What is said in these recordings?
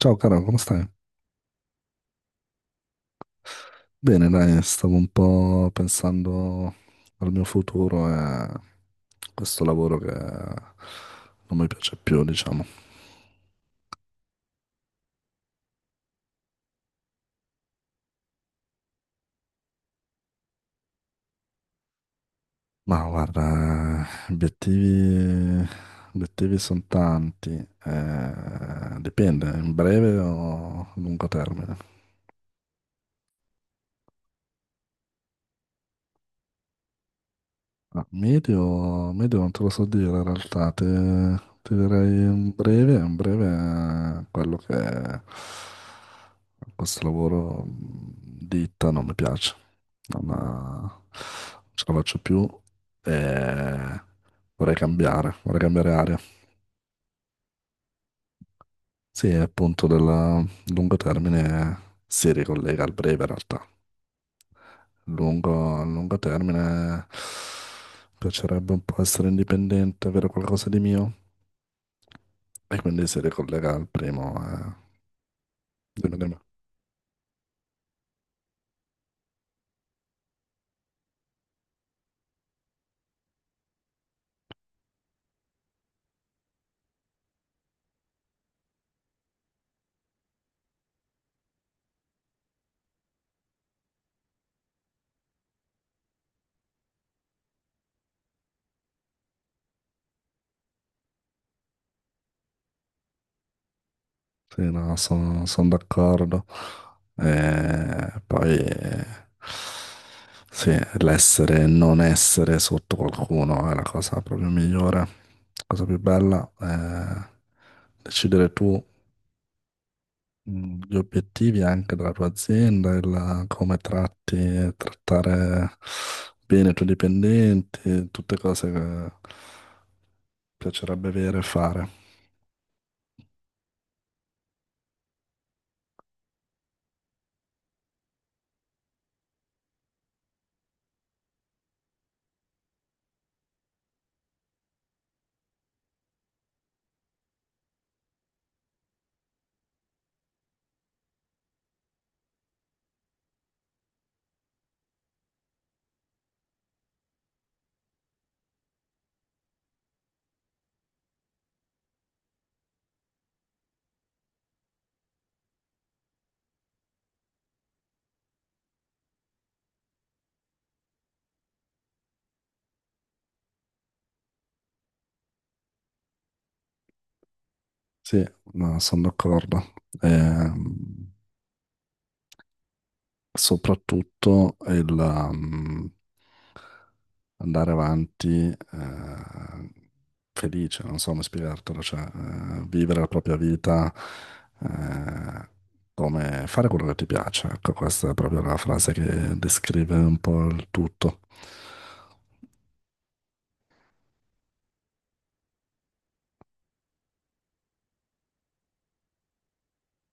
Ciao caro, come stai? Bene, dai, stavo un po' pensando al mio futuro e a questo lavoro che non mi piace più, diciamo. Ma guarda, obiettivi, obiettivi sono tanti, dipende, in breve o a lungo termine. Ah, medio non te lo so dire in realtà, ti direi in breve, quello che questo lavoro ditta non mi piace, non ce la faccio più e vorrei cambiare aria. Sì, e appunto del lungo termine si ricollega al breve in realtà. A lungo termine piacerebbe un po' essere indipendente, avere qualcosa di mio. E quindi si ricollega al primo. Dimmi, dimmi. Sì, no, sono d'accordo. E poi sì, l'essere e non essere sotto qualcuno è la cosa proprio migliore, la cosa più bella, è decidere tu, gli obiettivi anche della tua azienda, il come tratti e trattare bene i tuoi dipendenti, tutte cose che piacerebbe avere e fare. Sì, no, sono d'accordo. Ehm, soprattutto il andare avanti, felice, non so come spiegartelo, cioè vivere la propria vita, eh, come fare quello che ti piace. Ecco, questa è proprio la frase che descrive un po' il tutto.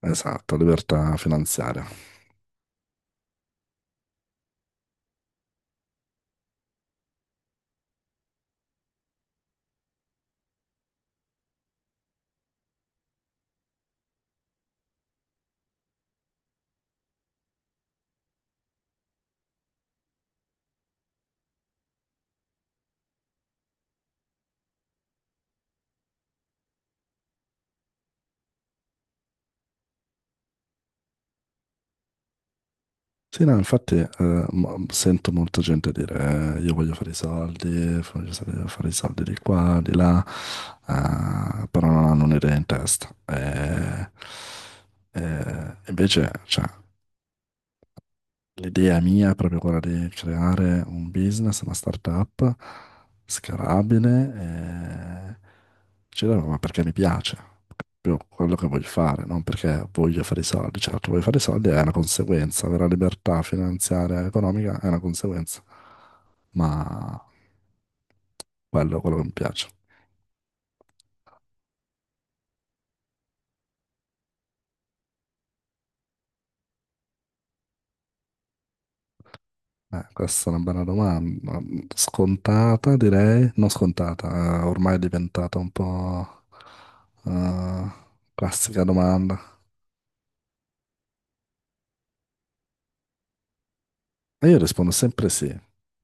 Esatto, libertà finanziaria. Sì, no, infatti sento molta gente dire io voglio fare i soldi, voglio fare i soldi di qua, di là, però non hanno un'idea in testa. E invece, cioè, l'idea mia è proprio quella di creare un business, una startup scalabile e ci devo, ma perché mi piace, proprio quello che voglio fare, non perché voglio fare i soldi. Certo, voglio fare i soldi è una conseguenza, avere la libertà finanziaria e economica è una conseguenza, ma quello è quello che mi piace. Questa è una bella domanda. Scontata, direi. Non scontata, ormai è diventata un po' eh, classica domanda. E io rispondo sempre sì,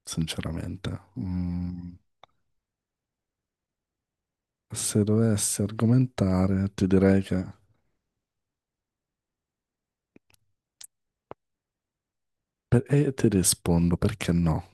sinceramente. Se dovessi argomentare, ti direi che, e ti rispondo perché no.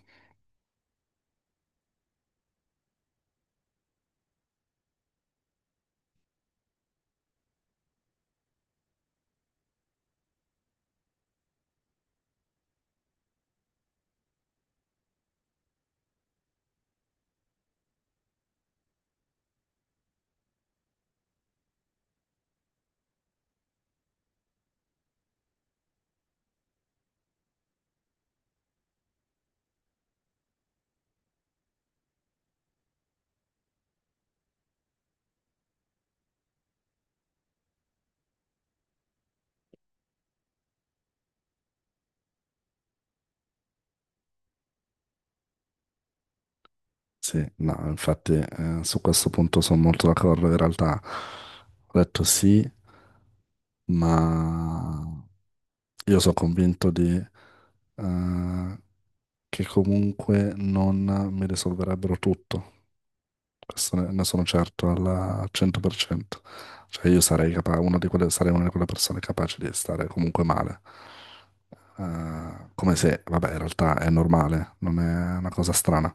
Sì, no, infatti su questo punto sono molto d'accordo. In realtà ho detto sì, ma... Io sono convinto di, eh, che comunque non mi risolverebbero tutto. Questo ne sono certo al 100%. Cioè io sarei una di quelle persone capaci di stare comunque male. Come se, vabbè, in realtà è normale, non è una cosa strana.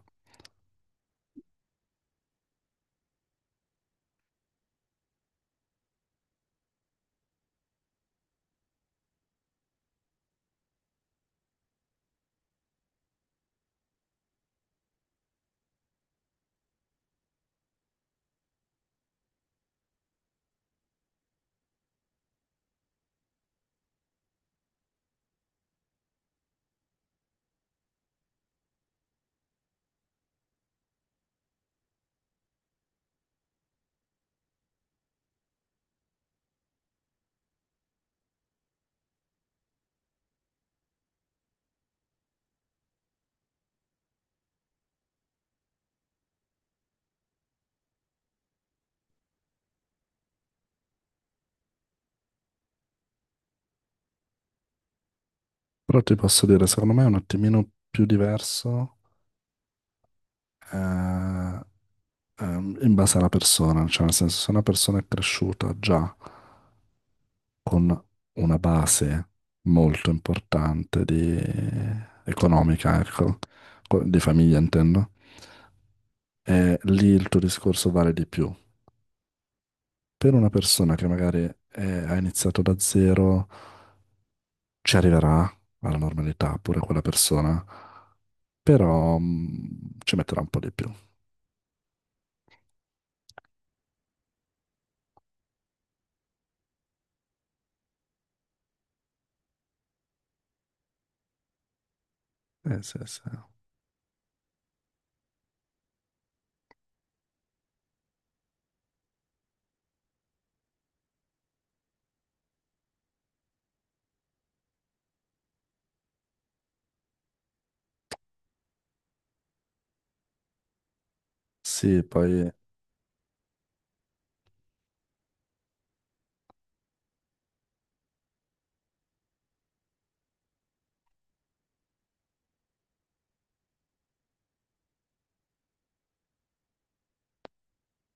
Però ti posso dire, secondo me è un attimino più diverso, eh, in base alla persona, cioè nel senso se una persona è cresciuta già con una base molto importante economica, ecco, di famiglia intendo, lì il tuo discorso vale di più. Per una persona che magari ha iniziato da zero, ci arriverà alla normalità pure quella persona, però ci metterà un po' di più. Sì, sì. Sì, poi.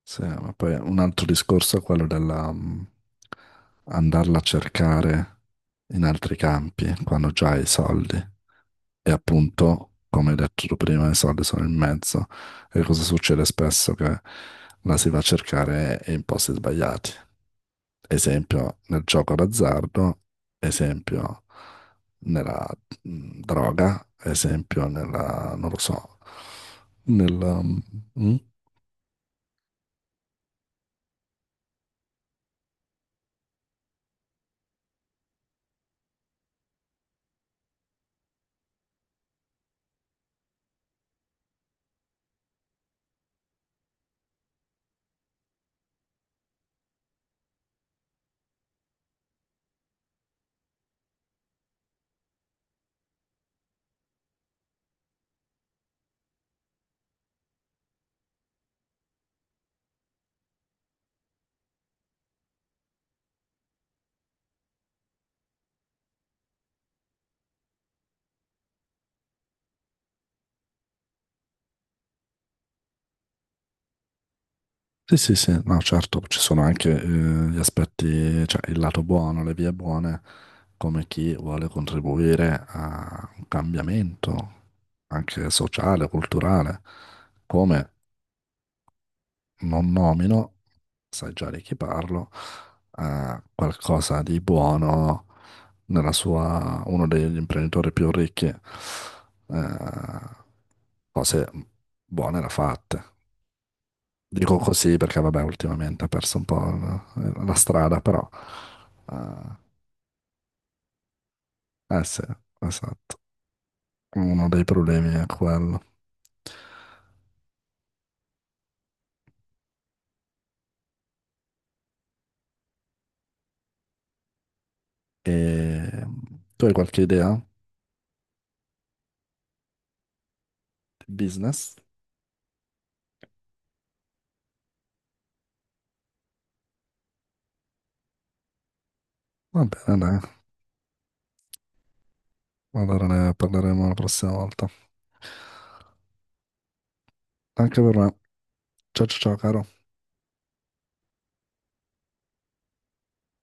Sì, ma poi un altro discorso è quello della andarla a cercare in altri campi quando già hai i soldi. E appunto, come hai detto tu prima, i soldi sono in mezzo. E cosa succede spesso? Che la si va a cercare in posti sbagliati. Esempio nel gioco d'azzardo, esempio nella droga, esempio nella, non lo so, nella. Sì, sì, sì, no, certo, ci sono anche gli aspetti, cioè il lato buono, le vie buone, come chi vuole contribuire a un cambiamento anche sociale, culturale, come non nomino, sai già di chi parlo, qualcosa di buono nella sua, uno degli imprenditori più ricchi, cose buone da fatte. Dico così perché, vabbè, ultimamente ha perso un po' la, strada, però... eh eh sì, esatto. Uno dei problemi è quello. E tu hai qualche idea di business? Va bene, dai. Allora ne parleremo la prossima volta. Anche per me. Ciao ciao ciao, caro.